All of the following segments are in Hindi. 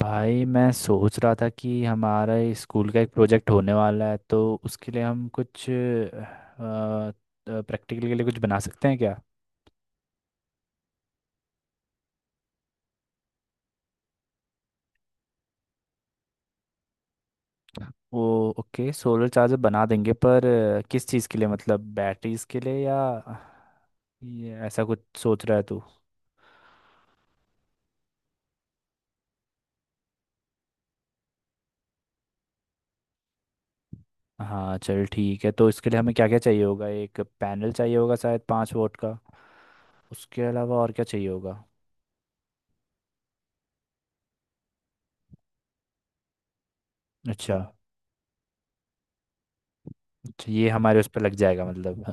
भाई मैं सोच रहा था कि हमारा स्कूल का एक प्रोजेक्ट होने वाला है, तो उसके लिए हम कुछ प्रैक्टिकल के लिए कुछ बना सकते हैं क्या। वो ओके, सोलर चार्जर बना देंगे, पर किस चीज़ के लिए? मतलब बैटरीज के लिए या ये ऐसा कुछ सोच रहा है तू? हाँ चल ठीक है, तो इसके लिए हमें क्या क्या चाहिए होगा। एक पैनल चाहिए होगा शायद 5 वोट का। उसके अलावा और क्या चाहिए होगा? अच्छा अच्छा ये हमारे उस पर लग जाएगा मतलब।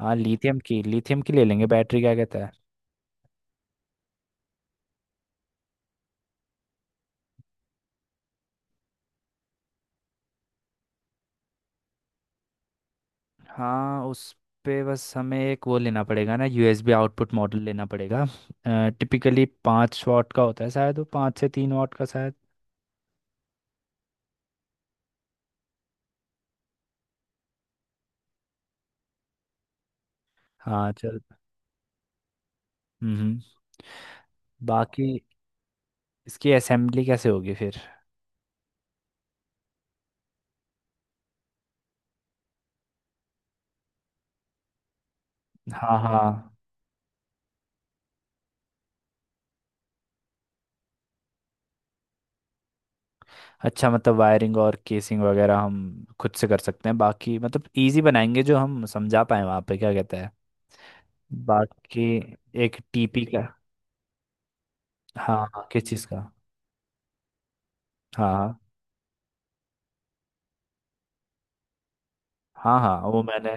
हाँ लिथियम की ले लेंगे बैटरी, क्या कहता है। हाँ उस पे बस हमें एक वो लेना पड़ेगा ना, यूएसबी आउटपुट मॉडल लेना पड़ेगा। टिपिकली 5 वाट का होता है शायद, वो 5 से 3 वाट का शायद। हाँ चल। हम्म। बाकी इसकी असेंबली कैसे होगी फिर? हाँ हाँ, अच्छा मतलब वायरिंग और केसिंग वगैरह हम खुद से कर सकते हैं, बाकी मतलब इजी बनाएंगे जो हम समझा पाए वहाँ पे, क्या कहता है। बाकी एक टीपी का। हाँ हाँ, किस चीज़ का? हाँ हाँ हाँ, हाँ वो मैंने,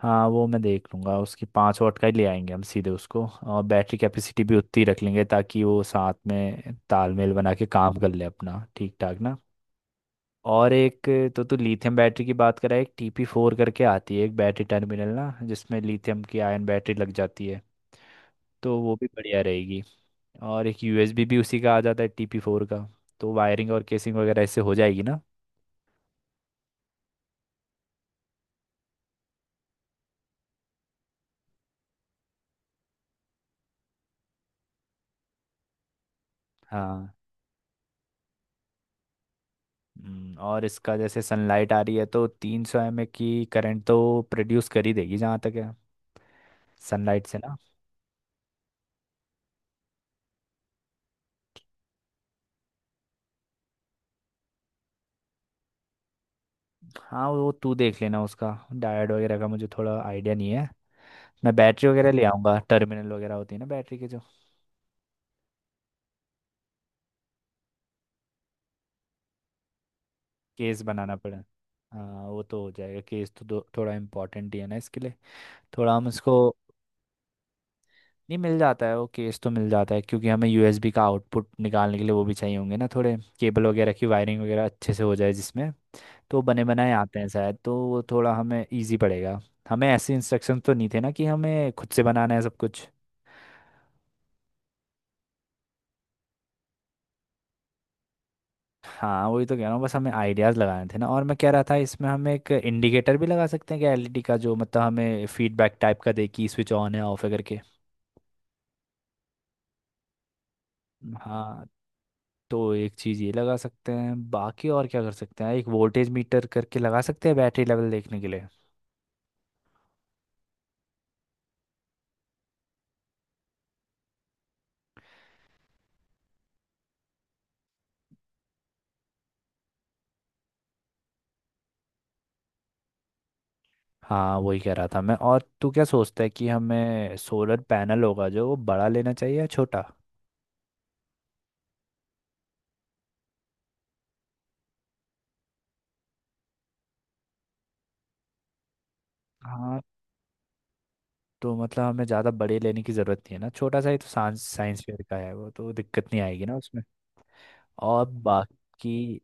हाँ वो मैं देख लूंगा उसकी। 5 वाट का ही ले आएंगे हम सीधे उसको, और बैटरी कैपेसिटी भी उतनी रख लेंगे ताकि वो साथ में तालमेल बना के काम कर ले अपना ठीक ठाक ना। और एक, तो तू लिथियम बैटरी की बात करा, एक टीपी फोर करके आती है एक बैटरी टर्मिनल ना, जिसमें लिथियम की आयन बैटरी लग जाती है, तो वो भी बढ़िया रहेगी। और एक यूएसबी भी उसी का आ जाता है टीपी फोर का, तो वायरिंग और केसिंग वगैरह ऐसे हो जाएगी ना। हाँ। और इसका जैसे सनलाइट आ रही है तो 300 mA की करंट तो प्रोड्यूस कर ही देगी जहाँ तक है, सनलाइट से ना। हाँ वो तू देख लेना उसका, डायोड वगैरह का मुझे थोड़ा आइडिया नहीं है। मैं बैटरी वगैरह ले आऊँगा, टर्मिनल वगैरह होती है ना बैटरी के जो। केस बनाना पड़े। हाँ वो तो हो जाएगा, केस तो थोड़ा इम्पोर्टेंट ही है ना इसके लिए, थोड़ा हम इसको। नहीं मिल जाता है वो, केस तो मिल जाता है, क्योंकि हमें यूएसबी का आउटपुट निकालने के लिए वो भी चाहिए होंगे ना, थोड़े केबल वगैरह की वायरिंग वगैरह अच्छे से हो जाए जिसमें। तो बने बनाए आते हैं शायद, तो वो थोड़ा हमें इजी पड़ेगा। हमें ऐसे इंस्ट्रक्शंस तो नहीं थे ना कि हमें खुद से बनाना है सब कुछ। हाँ वही तो कह रहा हूँ, बस हमें आइडियाज़ लगाने थे ना, और मैं कह रहा था इसमें हम एक इंडिकेटर भी लगा सकते हैं क्या एलईडी का, जो मतलब हमें फीडबैक टाइप का दे कि स्विच ऑन है ऑफ है करके। हाँ तो एक चीज़ ये लगा सकते हैं, बाकी और क्या कर सकते हैं, एक वोल्टेज मीटर करके लगा सकते हैं बैटरी लेवल देखने के लिए। हाँ वही कह रहा था मैं, और तू क्या सोचता है कि हमें सोलर पैनल होगा जो वो बड़ा लेना चाहिए या छोटा? हाँ तो मतलब हमें ज़्यादा बड़े लेने की ज़रूरत नहीं है ना, छोटा सा ही, तो साइंस साइंस फेयर का है वो, तो दिक्कत नहीं आएगी ना उसमें। और बाकी।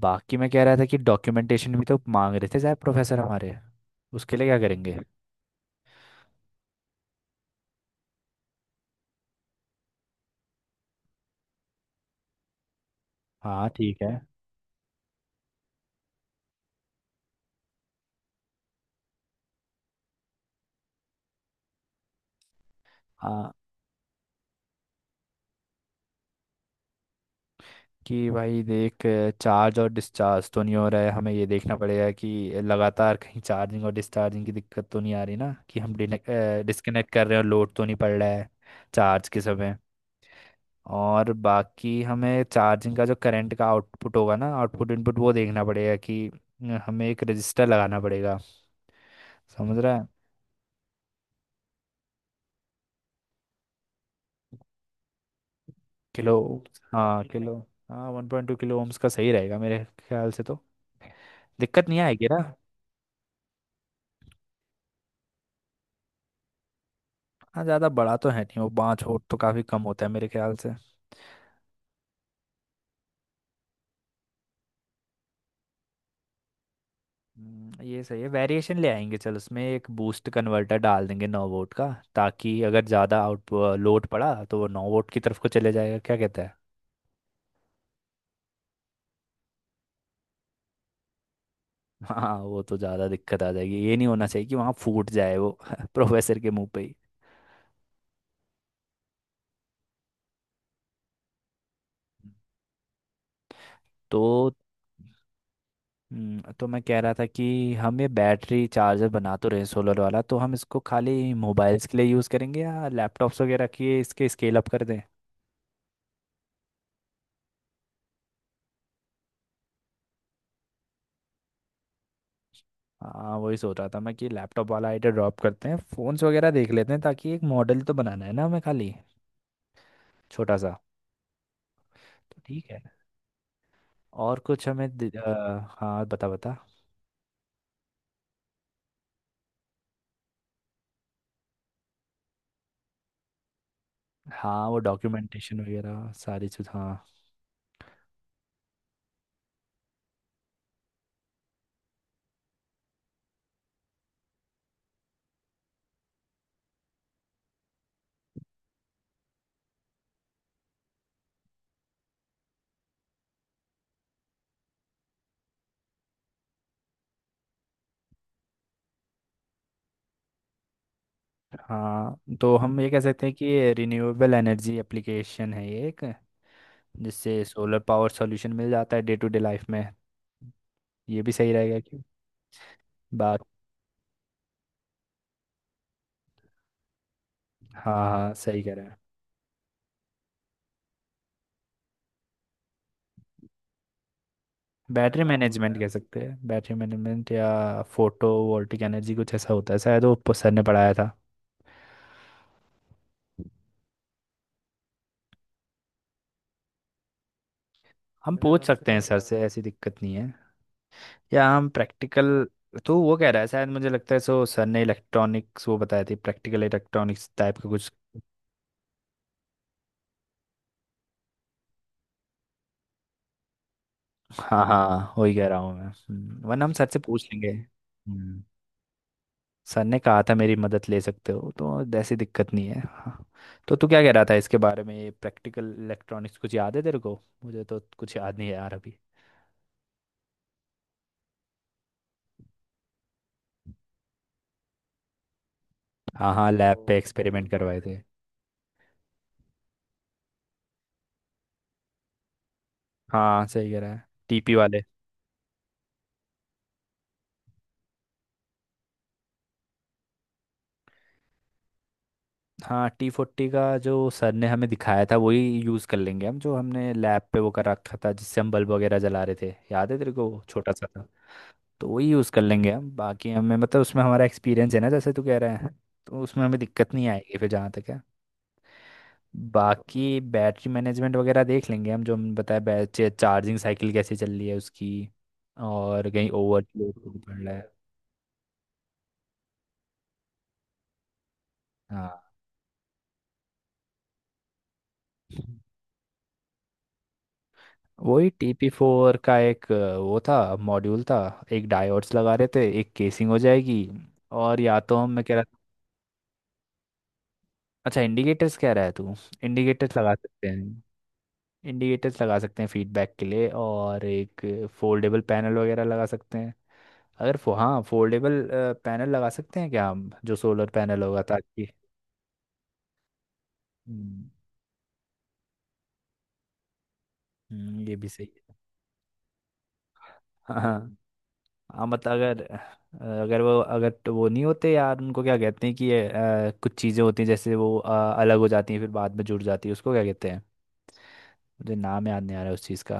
बाकी मैं कह रहा था कि डॉक्यूमेंटेशन भी तो मांग रहे थे साहब प्रोफेसर हमारे, उसके लिए क्या करेंगे। हाँ ठीक है। हाँ कि भाई देख, चार्ज और डिस्चार्ज तो नहीं हो रहा है, हमें ये देखना पड़ेगा कि लगातार कहीं चार्जिंग और डिस्चार्जिंग की दिक्कत तो नहीं आ रही ना, कि हम डिस्कनेक्ट कर रहे हैं और लोड तो नहीं पड़ रहा है चार्ज के समय। और बाकी हमें चार्जिंग का जो करंट का आउटपुट होगा ना, आउटपुट इनपुट वो देखना पड़ेगा कि, हमें एक रजिस्टर लगाना पड़ेगा, समझ रहा है। किलो, हाँ किलो। हाँ 1.2 किलो ओम्स का सही रहेगा मेरे ख्याल से, तो दिक्कत नहीं आएगी ना। हाँ ज़्यादा बड़ा तो है नहीं वो, 5 वोल्ट तो काफ़ी कम होता है मेरे ख्याल से। ये सही है। वेरिएशन ले आएंगे, चल उसमें एक बूस्ट कन्वर्टर डाल देंगे 9 वोल्ट का, ताकि अगर ज़्यादा आउट लोड पड़ा तो वो 9 वोल्ट की तरफ को चले जाएगा, क्या कहता है। हाँ वो तो ज़्यादा दिक्कत आ जाएगी, ये नहीं होना चाहिए कि वहाँ फूट जाए वो प्रोफेसर के मुंह पे ही। तो तो मैं कह रहा था कि हम ये बैटरी चार्जर बना तो रहे सोलर वाला, तो हम इसको खाली मोबाइल्स के लिए यूज़ करेंगे या लैपटॉप्स वगैरह के, इसके स्केल अप कर दें। हाँ वही सोच रहा था मैं कि लैपटॉप वाला आइडिया ड्रॉप करते हैं, फ़ोन्स वगैरह देख लेते हैं, ताकि एक मॉडल तो बनाना है ना हमें, खाली छोटा सा। तो ठीक है, और कुछ हमें हाँ बता बता। हाँ वो डॉक्यूमेंटेशन वगैरह सारी चीज़, हाँ। हाँ तो हम ये कह सकते हैं कि ये रिन्यूएबल एनर्जी एप्लीकेशन है ये एक, जिससे सोलर पावर सॉल्यूशन मिल जाता है डे टू डे लाइफ में। ये भी सही रहेगा कि बात। हाँ हाँ सही कह रहे हैं। बैटरी मैनेजमेंट कह सकते हैं, बैटरी मैनेजमेंट या फोटो वोल्टिक एनर्जी कुछ ऐसा होता है शायद, वो सर ने पढ़ाया था। हम पूछ सकते हैं सर से, ऐसी दिक्कत नहीं है, या हम प्रैक्टिकल, तो वो कह रहा है शायद, मुझे लगता है सो सर ने इलेक्ट्रॉनिक्स वो बताया थी, प्रैक्टिकल इलेक्ट्रॉनिक्स टाइप का कुछ। हाँ हाँ वही कह रहा हूँ मैं। वरना हम सर से पूछ लेंगे। सर ने कहा था मेरी मदद ले सकते हो, तो ऐसी दिक्कत नहीं है हाँ। तो तू क्या कह रहा था इसके बारे में, प्रैक्टिकल इलेक्ट्रॉनिक्स कुछ याद है तेरे को? मुझे तो कुछ याद नहीं है यार अभी। हाँ हाँ लैब पे तो एक्सपेरिमेंट करवाए थे। हाँ सही कह रहा है, टीपी वाले। हाँ T40 का जो सर ने हमें दिखाया था वही यूज़ कर लेंगे हम, जो हमने लैब पे वो कर रखा था जिससे हम बल्ब वगैरह जला रहे थे, याद है तेरे को, वो छोटा सा था। तो वही यूज़ कर लेंगे हम, बाकी हमें मतलब उसमें हमारा एक्सपीरियंस है ना, जैसे तू कह रहा है, तो उसमें हमें दिक्कत नहीं आएगी फिर जहाँ तक है। बाकी बैटरी मैनेजमेंट वगैरह देख लेंगे हम, जो हमने बताया, बैटरी चार्जिंग साइकिल कैसे चल रही है उसकी, और कहीं ओवरलोड तो नहीं पड़ रहा है। हाँ वही टीपी फोर का एक वो था, मॉड्यूल था। एक डायोड्स लगा रहे थे, एक केसिंग हो जाएगी, और या तो हम, मैं कह रहा, अच्छा इंडिकेटर्स कह रहा है तू। इंडिकेटर्स लगा सकते हैं इंडिकेटर्स लगा सकते हैं फीडबैक के लिए, और एक फोल्डेबल पैनल वगैरह लगा सकते हैं। अगर हाँ फोल्डेबल पैनल लगा सकते हैं क्या हम, जो सोलर पैनल होगा, ताकि। हम्म, ये भी सही है। हाँ हाँ। हाँ मतलब अगर, अगर वो अगर तो वो नहीं होते यार, उनको क्या कहते हैं कि ये कुछ चीज़ें होती हैं जैसे वो अलग हो जाती हैं फिर बाद में जुड़ जाती है, उसको क्या कहते हैं। मुझे नाम याद नहीं आ रहा है उस चीज़ का।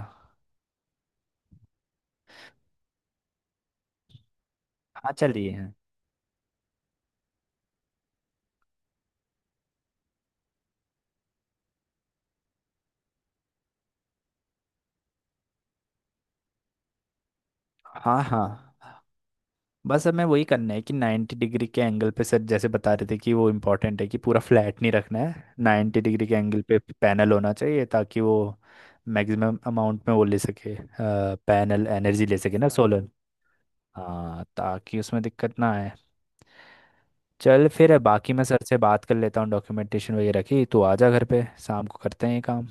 हाँ चलिए हैं। हाँ हाँ, बस हमें वही करना है कि 90 डिग्री के एंगल पे, सर जैसे बता रहे थे कि वो इम्पोर्टेंट है, कि पूरा फ्लैट नहीं रखना है, 90 डिग्री के एंगल पे पैनल होना चाहिए ताकि वो मैक्सिमम अमाउंट में वो ले सके, पैनल एनर्जी ले सके ना सोलर। हाँ ताकि उसमें दिक्कत ना आए। चल फिर बाकी मैं सर से बात कर लेता हूँ डॉक्यूमेंटेशन वगैरह की, तू आ जा घर पे, शाम को करते हैं ये काम।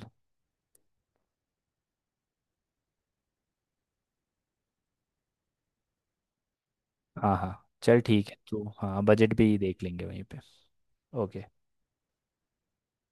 हाँ हाँ चल ठीक है तू, हाँ बजट भी देख लेंगे वहीं पे। ओके।